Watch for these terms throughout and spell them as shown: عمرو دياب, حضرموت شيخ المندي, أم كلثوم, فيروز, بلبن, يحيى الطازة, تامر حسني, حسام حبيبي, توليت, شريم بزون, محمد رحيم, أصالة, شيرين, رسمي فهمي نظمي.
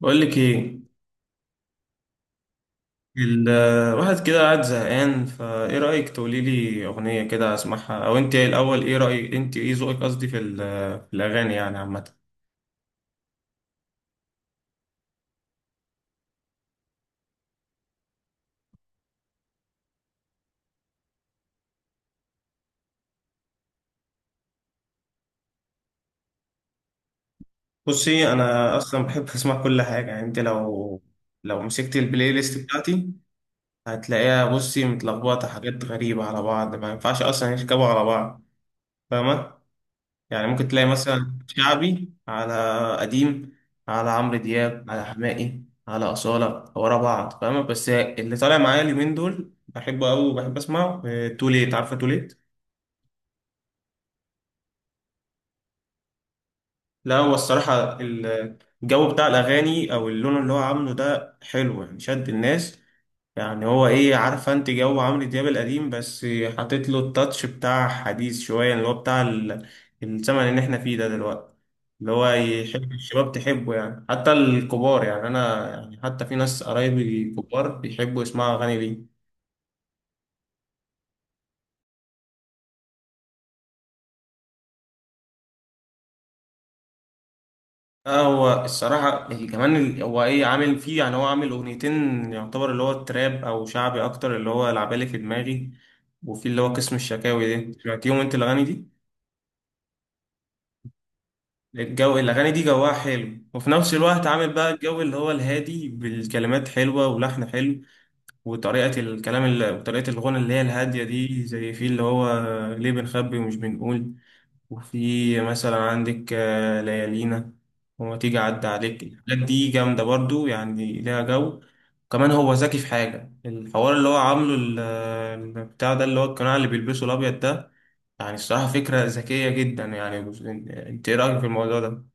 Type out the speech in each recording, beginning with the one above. بقول لك ايه؟ الواحد كده قاعد زهقان، فايه رأيك؟ تقولي لي اغنية كده اسمعها. او انت إيه الاول، ايه رأيك؟ انت ايه ذوقك قصدي في في الاغاني يعني عامة. بصي، انا اصلا بحب اسمع كل حاجة. يعني انت لو مسكت البلاي ليست بتاعتي هتلاقيها، بصي، متلخبطة، حاجات غريبة على بعض ما ينفعش اصلا يركبوا على بعض، فاهمة؟ يعني ممكن تلاقي مثلا شعبي على قديم، على عمرو دياب، على حماقي، على أصالة ورا بعض فاهمة. بس اللي طالع معايا اليومين دول بحبه أوي وبحب أسمعه، توليت، عارفة توليت؟ لا هو الصراحة الجو بتاع الأغاني أو اللون اللي هو عامله ده حلو، يعني شد الناس. يعني هو ايه عارفه؟ انت جو عمرو دياب القديم بس حاطط له التاتش بتاع حديث شويه، اللي هو بتاع الزمن اللي احنا فيه ده دلوقتي، اللي هو يحب الشباب تحبه، يعني حتى الكبار. يعني انا يعني حتى في ناس قرايبي كبار بيحبوا يسمعوا اغاني ليه. اه هو الصراحة هو ايه عامل فيه، يعني هو عامل اغنيتين، يعتبر اللي هو التراب او شعبي اكتر، اللي هو لعبالي في دماغي، وفي اللي هو قسم الشكاوي ده. سمعتيهم انت الاغاني دي؟ الجو الأغاني دي جواها حلو، وفي نفس الوقت عامل بقى الجو اللي هو الهادي، بالكلمات حلوة ولحن حلو وطريقة الكلام، اللي وطريقة الغنى اللي هي الهادية دي، زي في اللي هو ليه بنخبي ومش بنقول. وفي مثلا عندك، ليالينا، وما تيجي أعدي عليك. الحاجات دي جامدة برضو، يعني ليها جو. كمان هو ذكي في حاجة الحوار اللي هو عامله البتاع ده، اللي هو القناع اللي بيلبسه الأبيض ده. يعني الصراحة فكرة ذكية جدا يعني. انت ايه رأيك في الموضوع ده؟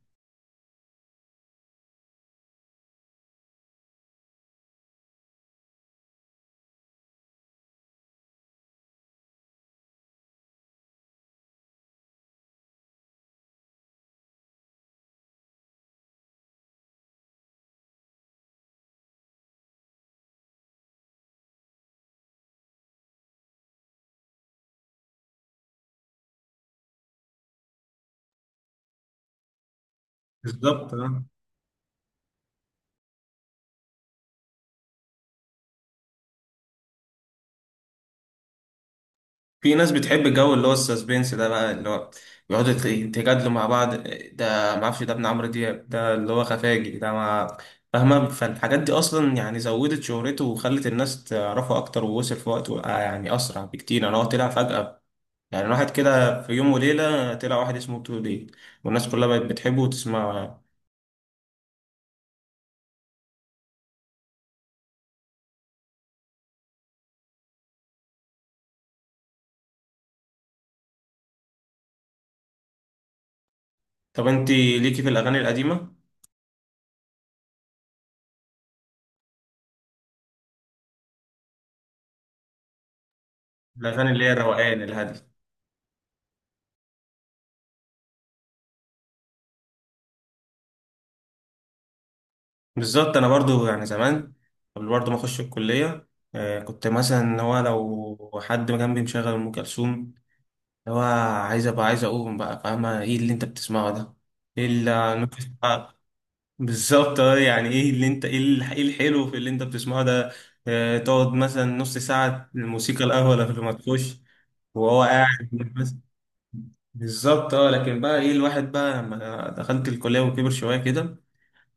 بالظبط اه. في ناس بتحب الجو اللي هو السسبنس ده بقى، اللي هو بيقعدوا يتجادلوا مع بعض، ده ما اعرفش ده ابن عمرو دياب، ده اللي هو خفاجي، ده ما فاهمه. فالحاجات دي اصلا يعني زودت شهرته وخلت الناس تعرفه اكتر، ووصل في وقته، يعني اسرع بكتير. انا هو طلع فجأة، يعني الواحد كده في يوم وليله طلع واحد اسمه توليت والناس كلها بقت بتحبه وتسمعه يعني. طب انت ليكي في الاغاني القديمه؟ الاغاني اللي هي الروقان الهاديه. بالظبط، انا برضو يعني زمان، قبل برضو ما اخش الكليه، كنت مثلا اللي هو لو حد جنبي مشغل ام كلثوم، اللي هو عايز ابقى، عايز اقوم بقى فاهمه، ايه اللي انت بتسمعه ده؟ ايه اللي بالظبط. يعني ايه اللي انت ايه إيه الحلو في اللي انت بتسمعه ده؟ تقعد مثلا نص ساعه الموسيقى الاول قبل ما تخش، وهو قاعد. بالظبط اه. لكن بقى ايه، الواحد بقى لما دخلت الكليه وكبر شويه كده،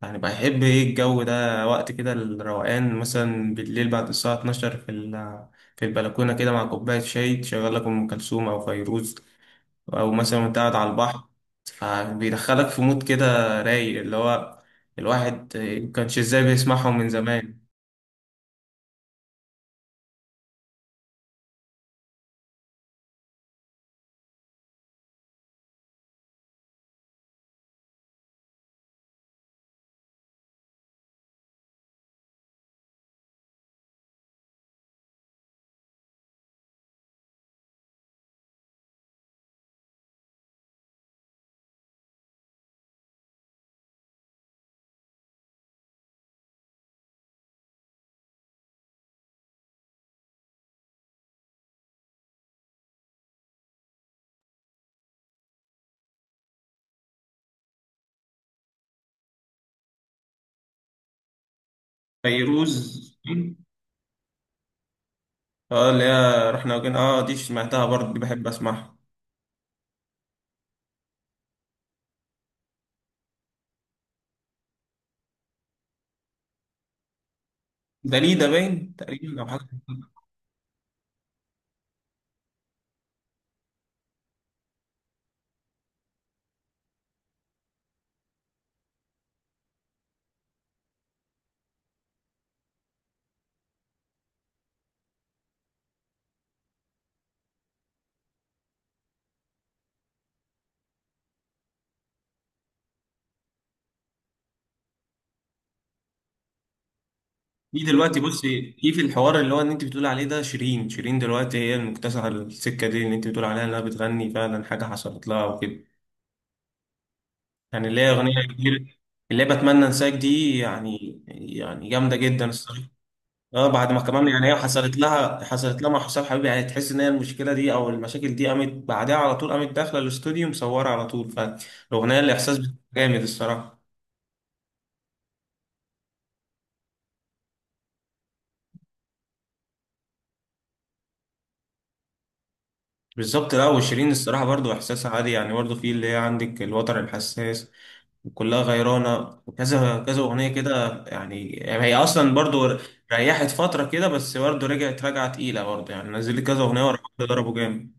يعني بحب ايه الجو ده وقت كده الروقان، مثلا بالليل بعد الساعة 12 في في البلكونة كده مع كوباية شاي، تشغل لك أم كلثوم أو فيروز، أو مثلا وأنت قاعد على البحر، فبيدخلك في مود كده رايق، اللي هو الواحد مكانش ازاي بيسمعهم من زمان. فيروز، اه اللي هي رحنا وجينا، اه دي سمعتها برضه، دي بحب اسمعها. ده ليه ده باين تقريبا أو حاجة. في دلوقتي، بصي، في في الحوار اللي هو ان انت بتقول عليه ده، شيرين. شيرين دلوقتي هي المكتسحه السكه دي اللي انت بتقول عليها انها بتغني فعلا حاجه حصلت لها وكده، يعني اللي هي اغنيه كتير، اللي هي بتمنى انساك دي، يعني يعني جامده جدا الصراحه. اه بعد ما كمان يعني هي حصلت لها، حصلت لها مع حسام حبيبي، يعني تحس ان هي المشكله دي او المشاكل دي قامت بعدها على طول، قامت داخله الاستوديو مصوره على طول، فالاغنيه الاحساس جامد الصراحه. بالظبط. لا وشيرين الصراحه برضو احساسها عالي، يعني برضو في اللي هي عندك الوتر الحساس، وكلها غيرانة، وكذا كذا أغنية كده يعني، هي أصلا برضو ريحت فترة كده، بس برضو رجعت راجعة تقيلة برضو، يعني نزلت كذا أغنية ورا بعض ضربوا جامد.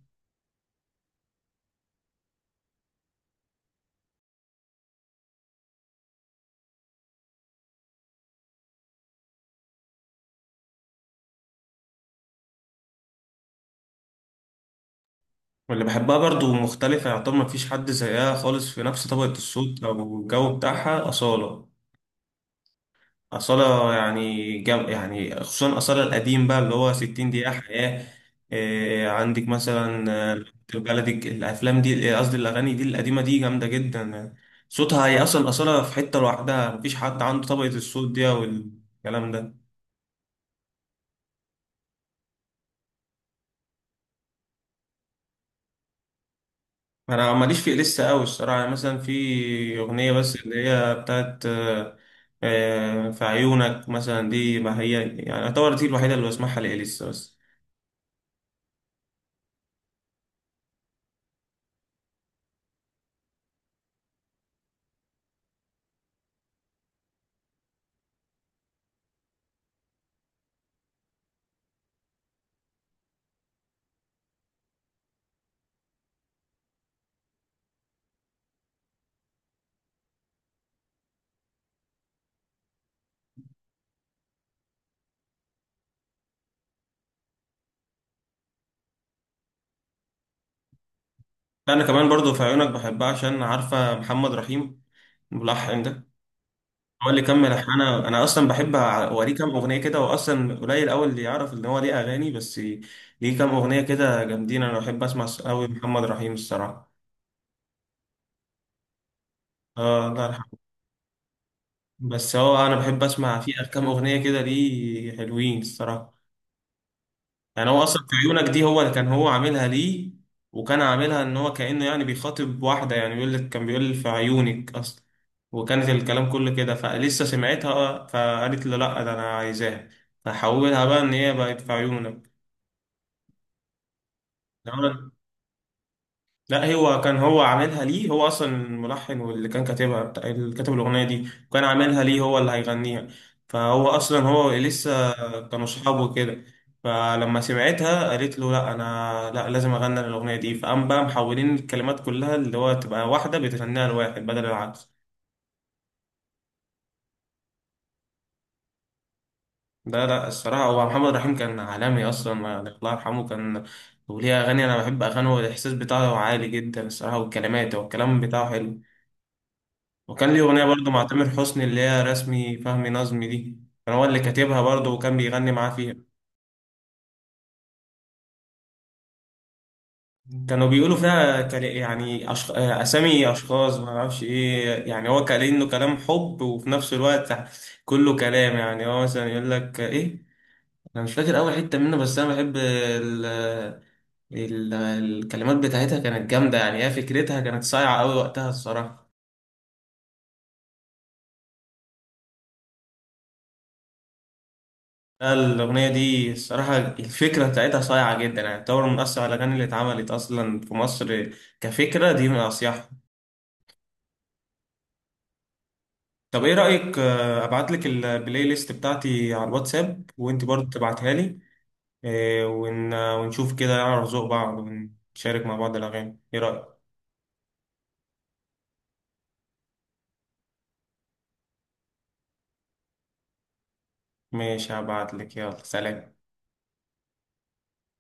واللي بحبها برضو مختلفة، يعتبر مفيش حد زيها خالص في نفس طبقة الصوت أو الجو بتاعها، أصالة. أصالة يعني يعني خصوصا أصالة القديم بقى، اللي هو 60 دقيقة حياة، إيه عندك مثلا البلدي، الأفلام دي، قصدي الأغاني دي القديمة دي جامدة جدا، صوتها، هي أصلا أصالة في حتة لوحدها، مفيش حد عنده طبقة الصوت دي والكلام ده. أنا ماليش في لسه أوي الصراحة، يعني مثلا في أغنية بس اللي هي بتاعت في عيونك مثلا دي، ما هي يعني أعتبر دي الوحيدة اللي بسمعها لإليسا بس. انا كمان برضو في عيونك بحبها عشان عارفه محمد رحيم الملحن ده هو اللي كمل ألحان. انا اصلا بحب اوريه كام اغنيه كده، واصلا قليل قوي اللي يعرف ان هو ليه اغاني، بس ليه كام اغنيه كده جامدين، انا بحب اسمع قوي محمد رحيم الصراحه. اه الله يرحمه. بس هو انا بحب اسمع فيه كام اغنيه كده ليه حلوين الصراحه. يعني هو اصلا في عيونك دي هو كان هو عاملها ليه، وكان عاملها ان هو كأنه يعني بيخاطب واحدة، يعني بيقول لك كان بيقول في عيونك اصلا، وكانت الكلام كله كده، فلسه سمعتها فقالت له لا ده انا عايزاها، فحولها بقى ان هي بقت في عيونك. لا هو كان هو عاملها ليه، هو اصلا الملحن واللي كان كاتبها اللي كاتب الاغنيه دي، وكان عاملها ليه هو اللي هيغنيها، فهو اصلا هو لسه، كانوا اصحاب وكده. فلما سمعتها قالت له لا، انا لا لازم اغني الاغنيه دي، فقام بقى محولين الكلمات كلها، اللي هو تبقى واحده بتغنيها لواحد بدل العكس. ده لا الصراحه هو محمد رحيم كان عالمي اصلا، يعني الله يرحمه كان، وليه اغاني، انا بحب اغانيه والاحساس بتاعه عالي جدا الصراحه، والكلمات والكلام بتاعه حلو. وكان ليه أغنية برضه مع تامر حسني اللي هي رسمي فهمي نظمي دي، كان هو اللي كاتبها برضه، وكان بيغني معاه فيها. كانوا بيقولوا فيها يعني أشخ... آه، أسامي أشخاص ما أعرفش إيه، يعني هو كان إنه كلام حب، وفي نفس الوقت كله كلام، يعني هو مثلا يقول لك إيه، أنا مش فاكر أول حتة منه، بس أنا بحب الكلمات بتاعتها كانت جامدة، يعني هي فكرتها كانت صايعة أوي وقتها الصراحة. لا، الأغنية دي الصراحة الفكرة بتاعتها صايعة جدا، يعني تعتبر من أصعب الأغاني اللي اتعملت أصلا في مصر كفكرة، دي من أصيحها. طب إيه رأيك، أبعت لك البلاي ليست بتاعتي على الواتساب، وأنت برضه تبعتها لي، ونشوف كده نعرف ذوق بعض ونشارك مع بعض الأغاني، إيه رأيك؟ ماشي، هبعت لك. يلا سلام.